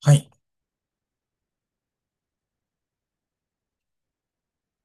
はい。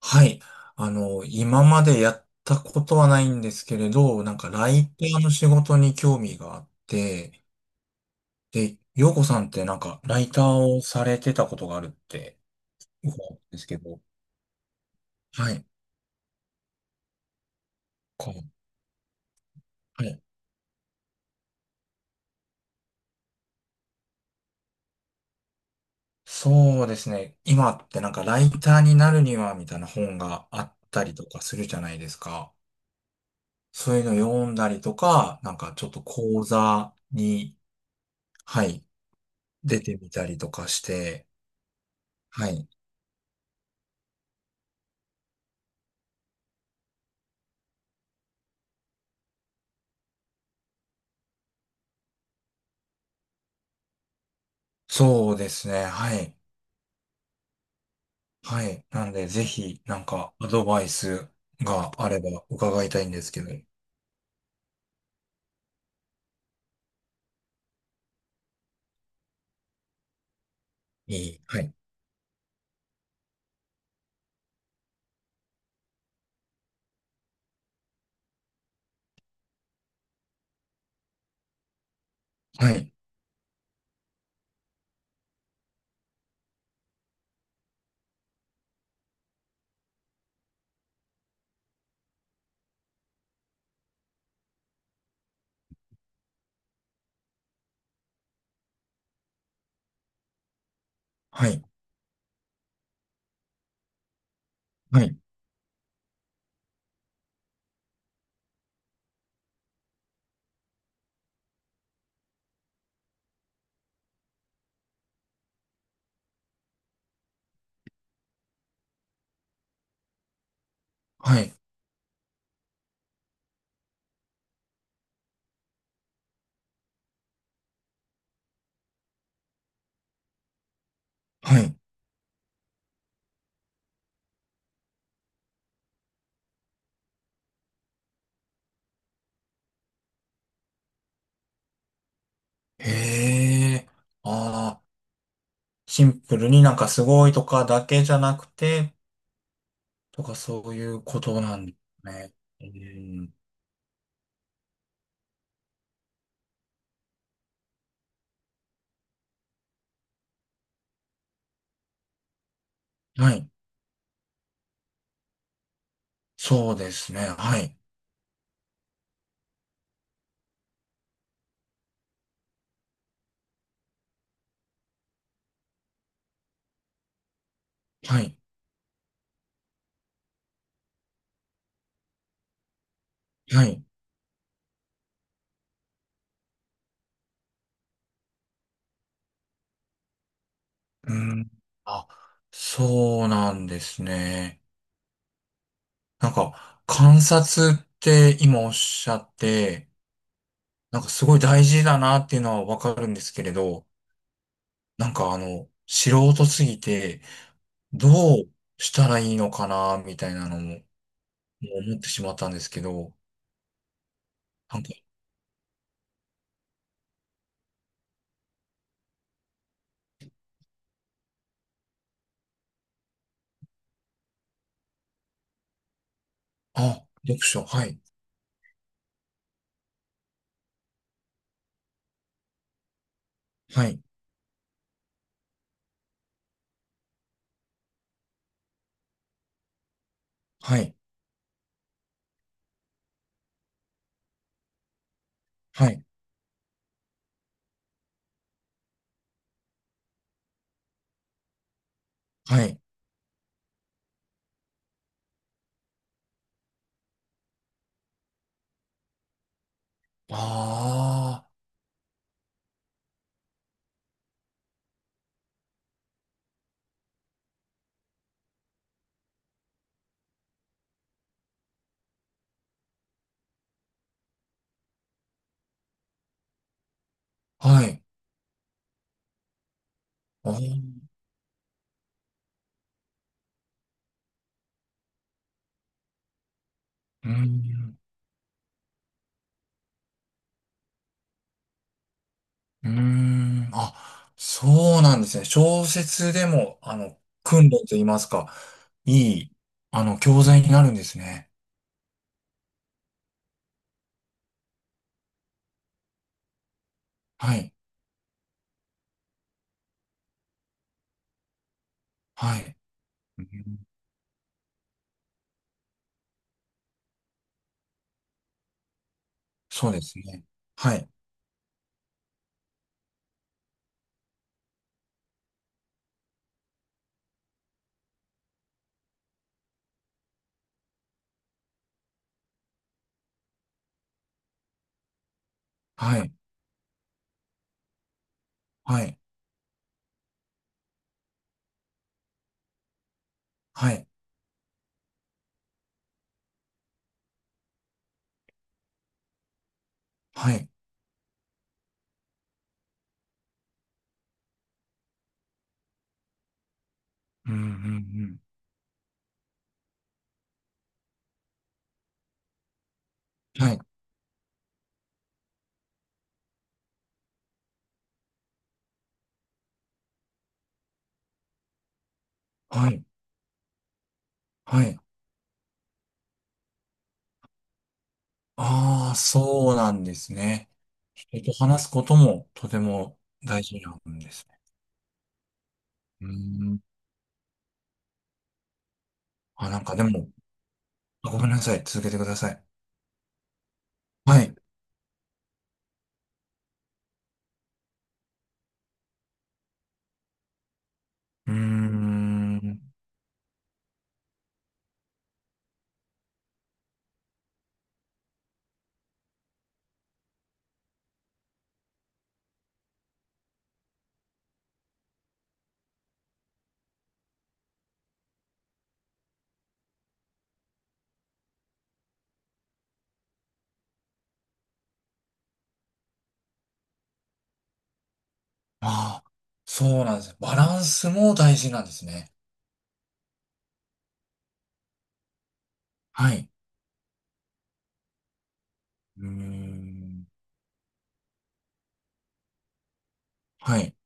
はい。今までやったことはないんですけれど、なんかライターの仕事に興味があって、で、洋子さんってなんかライターをされてたことがあるって伺うんですけど、はい。こう、はい。そうですね。今ってなんかライターになるにはみたいな本があったりとかするじゃないですか。そういうの読んだりとか、なんかちょっと講座に、はい、出てみたりとかして、はい。そうですね。はい。はい。なんで、ぜひ、なんか、アドバイスがあれば伺いたいんですけど。いい。はい。はい。はい。はい。はい。はい。へえ。ああ、シンプルになんかすごいとかだけじゃなくて、とかそういうことなんですね。うん。はい。そうですね。はい。はい。はい。うん。あ、そうなんですね。なんか、観察って今おっしゃって、なんかすごい大事だなっていうのはわかるんですけれど、素人すぎて、どうしたらいいのかな、みたいなのも、もう思ってしまったんですけど、なんか、あ、読書、はい、はい、はい、はい、はい、ああ、はい、あーうんうーん。あ、そうなんですね。小説でも、訓練と言いますか、いい、教材になるんですね。はい。はい。うんそうですね。はい。はい。はい。はい。はい。うん、うん、うん。はい。はい。はい。ああ、そうなんですね。人と話すこともとても大事なんですね。うーん。あ、なんかでも、あごめんなさい。続けてください。はい。うーん。ああ、そうなんですね。バランスも大事なんですね。はい。うーん。はい。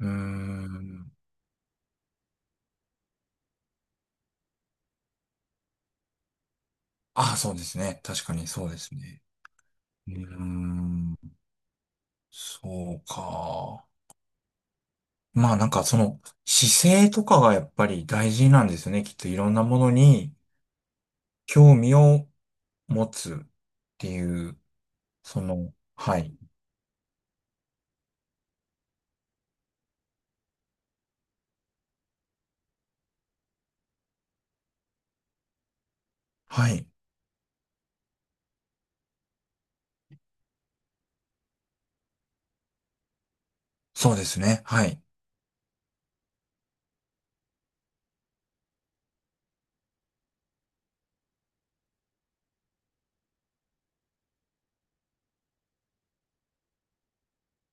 うーん。ああ、そうですね。確かにそうですね。うーん。そうか。まあなんかその姿勢とかがやっぱり大事なんですよね。きっといろんなものに興味を持つっていう、その、はい。はい。そうですね。はい。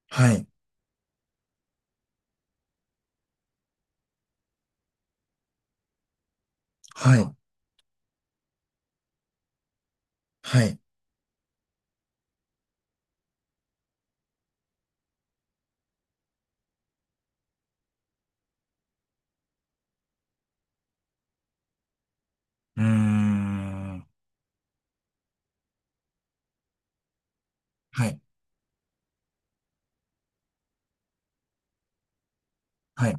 はい。はい。はい。うーん。はい。はい。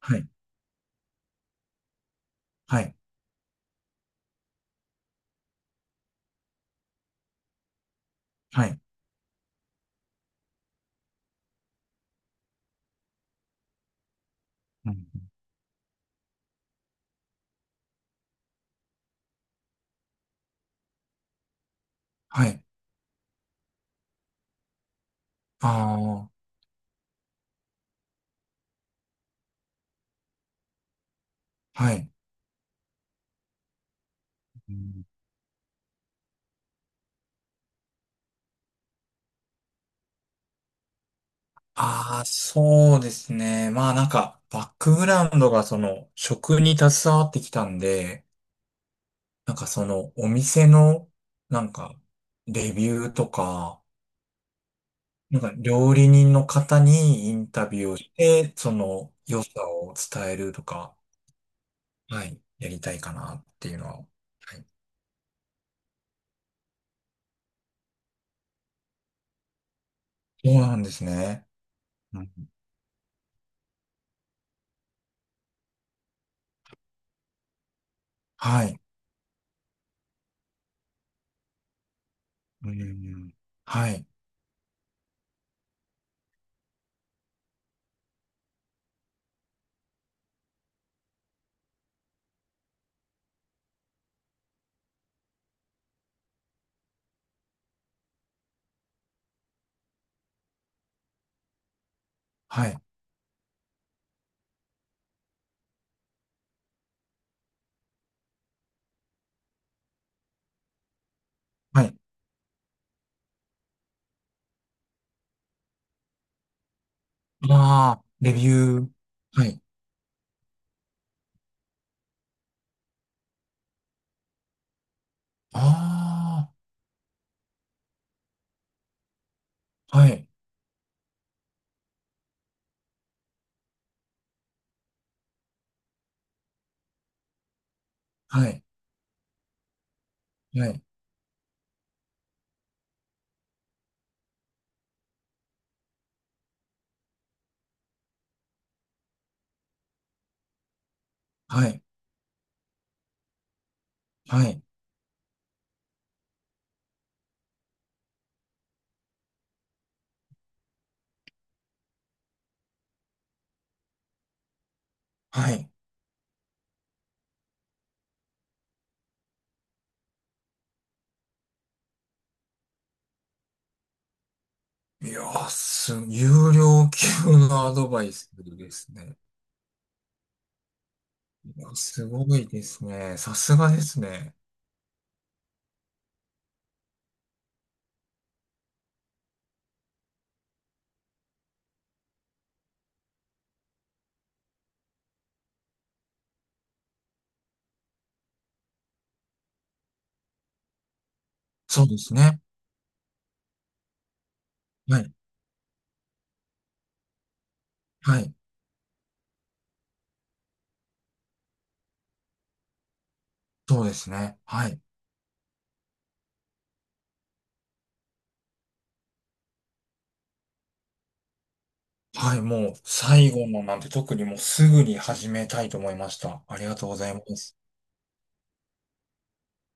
はいはい。はい。うん。はい。ああ、はい。うんああ、そうですね。まあなんか、バックグラウンドがその、食に携わってきたんで、なんかその、お店の、なんか、レビューとか、なんか料理人の方にインタビューをして、その、良さを伝えるとか、はい、やりたいかなっていうのは。はい。そうなんですね。うんはい。うんはい。はい。はい。まあ、レビュー。はい。ああ、はい、はい、はい、はい、はい、はい。いやー、す、有料級のアドバイスですね。いやすごいですね。さすがですね。そうですね。はい、はい、そうですね。はい、はい、もう、最後のなんて特にもうすぐに始めたいと思いました。ありがとうございます。